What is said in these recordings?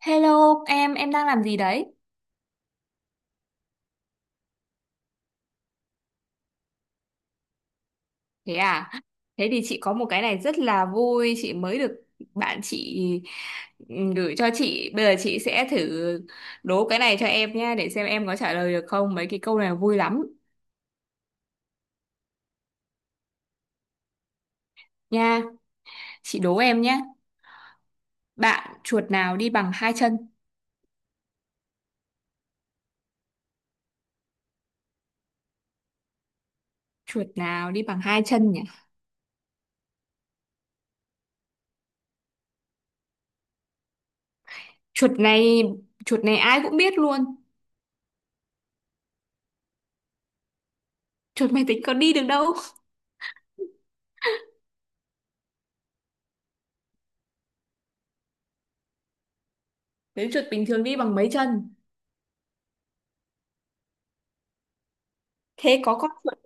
Hello em đang làm gì đấy? Thế à? Thế thì chị có một cái này rất là vui, chị mới được bạn chị gửi cho chị. Bây giờ chị sẽ thử đố cái này cho em nha, để xem em có trả lời được không. Mấy cái câu này vui lắm nha. Chị đố em nhé. Bạn chuột nào đi bằng hai chân? Chuột nào đi bằng hai chân nhỉ? Chuột này, chuột này ai cũng biết luôn. Chuột máy tính có đi được đâu. Nếu chuột bình thường đi bằng mấy chân? Thế có con chuột.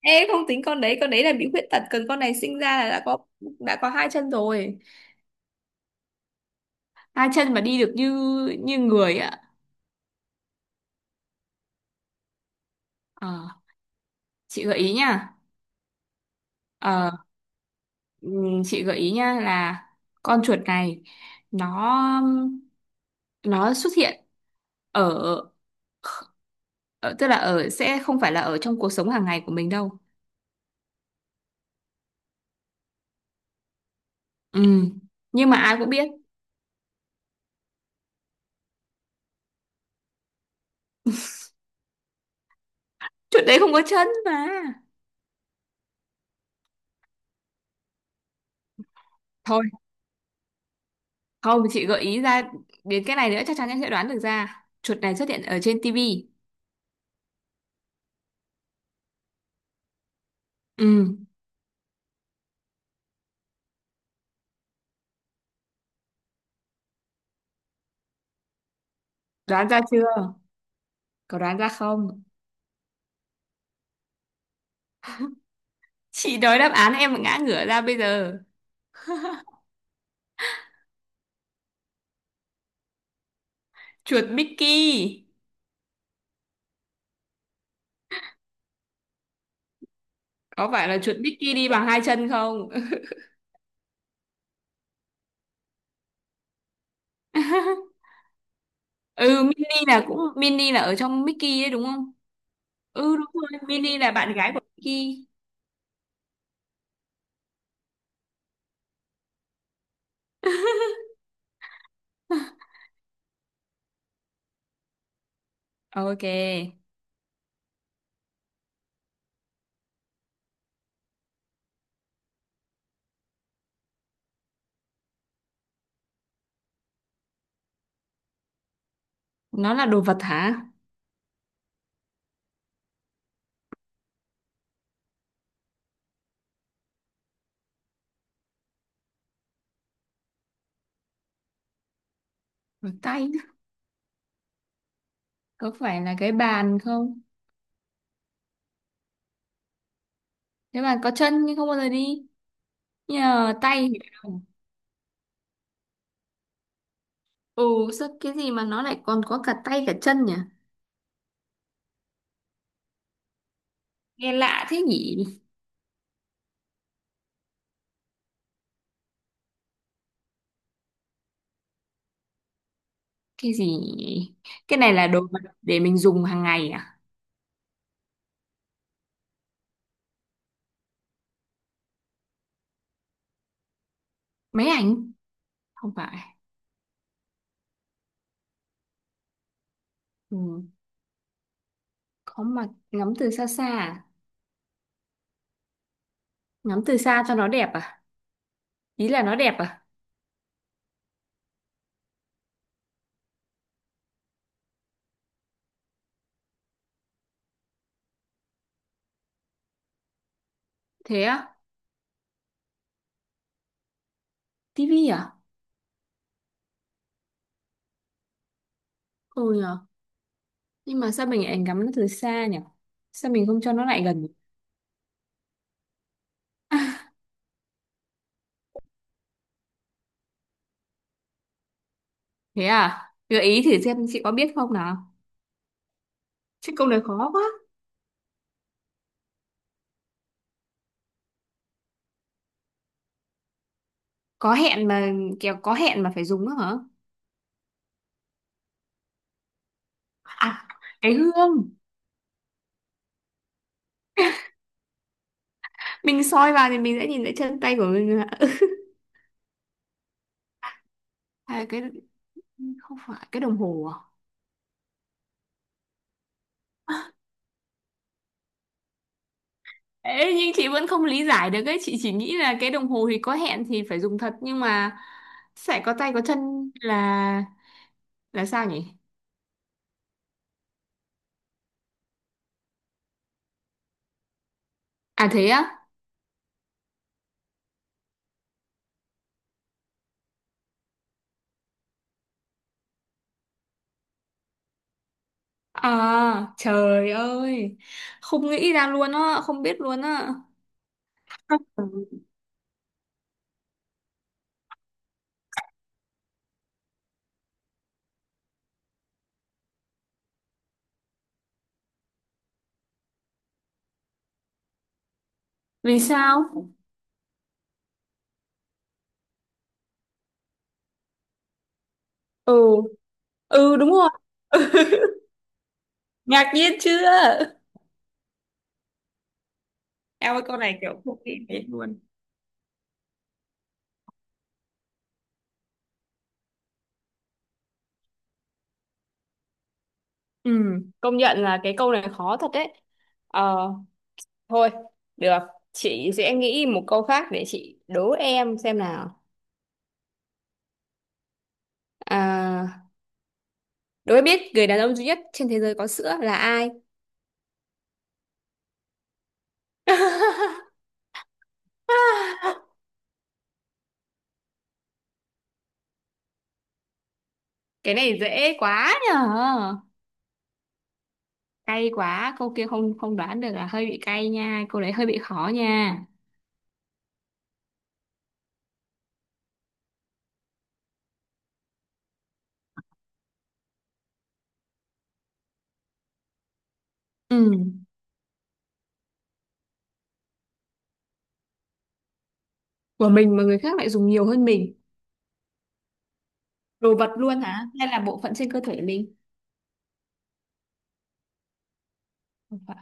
Ê không tính con đấy là bị khuyết tật, còn con này sinh ra là đã có hai chân rồi. Hai chân mà đi được như như người ạ. Ờ, chị gợi ý nha. Ờ, chị gợi ý nha là con chuột này nó nó xuất hiện ở, ở tức là ở sẽ không phải là ở trong cuộc sống hàng ngày của mình đâu. Ừ, nhưng mà ai cũng biết chuột đấy không có chân mà. Thôi, không chị gợi ý ra đến cái này nữa chắc chắn em sẽ đoán được ra. Chuột này xuất hiện ở trên tivi. Ừ, đoán ra chưa? Có đoán ra không? Chị nói đáp án em mà ngã ngửa ra bây giờ. Chuột Mickey. Có phải là chuột Mickey đi bằng hai chân không? Ừ, Minnie là cũng Minnie là ở trong Mickey đấy đúng không? Ừ đúng rồi, Minnie là bạn gái của Mickey. Ok, nó là đồ vật hả? Đồ tay. Có phải là cái bàn không? Cái bàn có chân nhưng không bao giờ đi. Nhờ tay. Ừ, sao cái gì mà nó lại còn có cả tay cả chân nhỉ? Nghe lạ thế nhỉ? Cái gì nhỉ? Cái này là đồ vật để mình dùng hàng ngày à? Máy ảnh. Không phải. Ừ. Có mặt ngắm từ xa xa à? Ngắm từ xa cho nó đẹp à? Ý là nó đẹp à? Thế á? Tivi à? Ừ nhờ, nhưng mà sao mình lại ngắm nó từ xa nhỉ? Sao mình không cho nó lại gần? Thế à? Gợi ý thử xem chị có biết không nào? Chứ câu này khó quá. Có hẹn mà, kiểu có hẹn mà phải dùng nữa hả? À, cái hương. Mình soi vào thì mình sẽ nhìn thấy chân tay của mình. À, cái, không phải cái đồng hồ à? Ê, nhưng chị vẫn không lý giải được ấy, chị chỉ nghĩ là cái đồng hồ thì có hẹn thì phải dùng thật nhưng mà sẽ có tay có chân là sao nhỉ? À thế á? À trời ơi, không nghĩ ra luôn á, không biết luôn á. Vì sao? Ừ. Ừ đúng rồi. Ngạc nhiên chưa? Em ơi câu này kiểu không nghĩ đến luôn. Ừ, công nhận là cái câu này khó thật đấy. ờ thôi, được, chị sẽ nghĩ một câu khác để chị đố em xem nào. À, đố em biết người đàn ông duy nhất trên thế giới có sữa là ai? Cái này dễ quá nhở. Cay quá, câu kia không không đoán được là hơi bị cay nha, câu đấy hơi bị khó nha. Ừ, của mình mà người khác lại dùng nhiều hơn mình. Đồ vật luôn hả? Hay là bộ phận trên cơ thể mình? Không phải,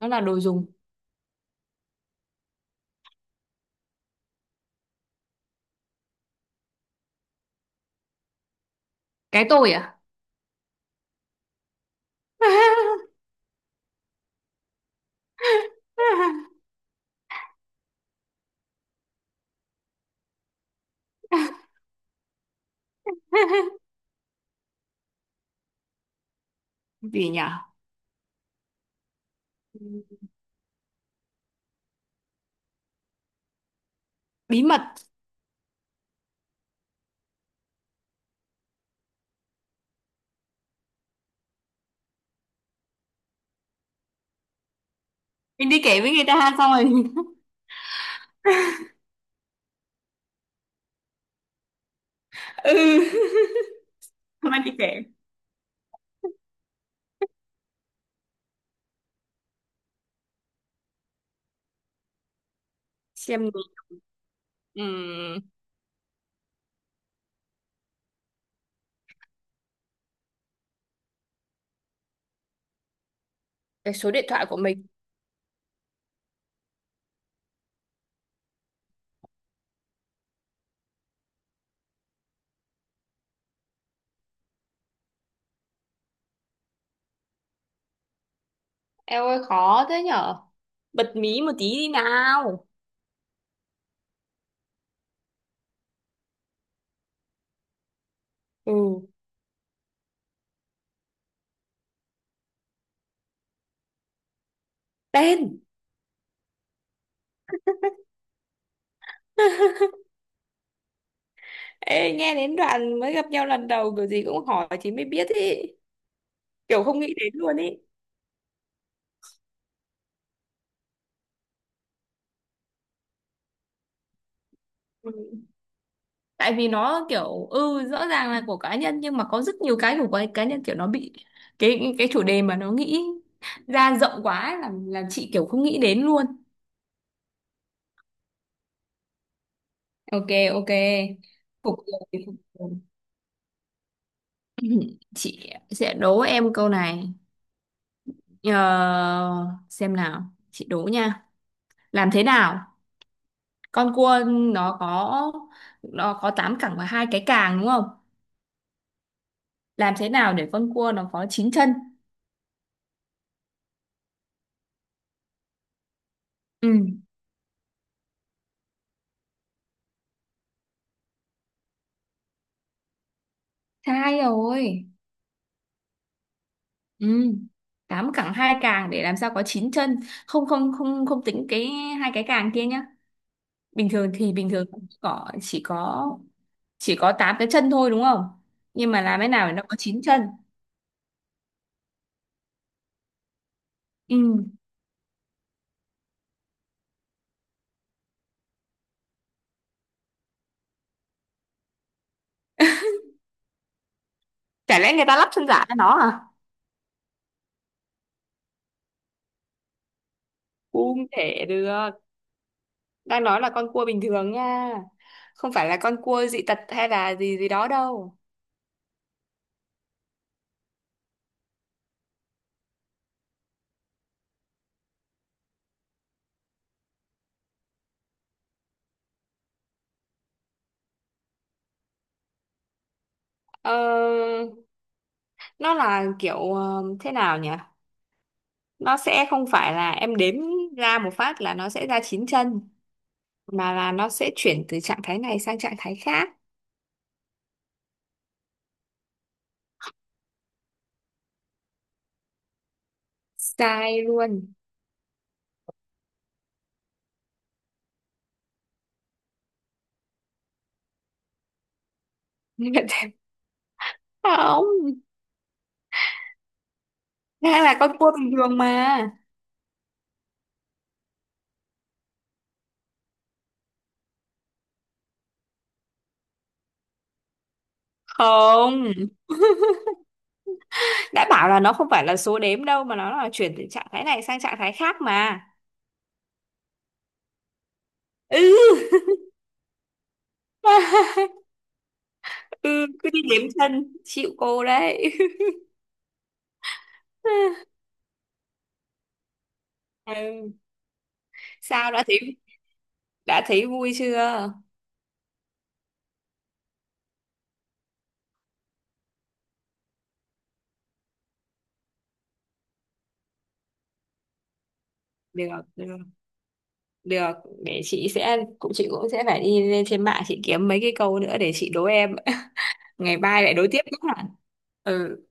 nó là đồ dùng. Cái tôi à? Gì nhở? Bí mật. Mình đi kể với người ta xong rồi. Ừ. Hôm nay chị kể. Xem nhiều. Ừm, cái số điện thoại của mình. Eo ơi khó thế nhở, bật mí một tí đi nào. Ừ, tên. Ê, nghe đến đoạn mới gặp nhau lần đầu kiểu gì cũng hỏi thì mới biết ý, kiểu không nghĩ đến luôn ý. Ừ, tại vì nó kiểu ừ rõ ràng là của cá nhân nhưng mà có rất nhiều cái của cái cá nhân kiểu nó bị cái chủ đề mà nó nghĩ ra rộng quá ấy, là chị kiểu không nghĩ đến luôn. Ok. Ok. Phục rồi. Phục. Chị sẽ đố em câu này. Ờ, xem nào, chị đố nha. Làm thế nào con cua nó có nó có tám cẳng và hai cái càng đúng không, làm thế nào để con cua nó có chín chân? Ừ, sai rồi. Ừ, tám cẳng hai càng để làm sao có chín chân? Không không, không không tính cái hai cái càng kia nhá, bình thường thì bình thường có chỉ có tám cái chân thôi đúng không, nhưng mà làm thế nào để nó có chín chân? Ừ. Chả lẽ người ta lắp chân giả cho nó à? Không thể được. Đang nói là con cua bình thường nha. Không phải là con cua dị tật hay là gì gì đó đâu. Ờ, nó là kiểu ờ, thế nào nhỉ? Nó sẽ không phải là em đếm ra một phát là nó sẽ ra chín chân. Mà là nó sẽ chuyển từ trạng thái này sang trạng thái khác. Sai luôn. Không. Đang là con cua bình thường mà. Không. Đã bảo là nó không phải là số đếm đâu mà nó là chuyển từ trạng thái này sang trạng thái khác mà. Ừ. Ừ cứ đi đếm chân chịu cô đấy. Ừ. Sao, đã thấy, đã thấy vui chưa? Được, được, được, để chị sẽ cũng chị cũng sẽ phải đi lên trên mạng chị kiếm mấy cái câu nữa để chị đố em. Ngày mai lại đố tiếp nhá. Ừ.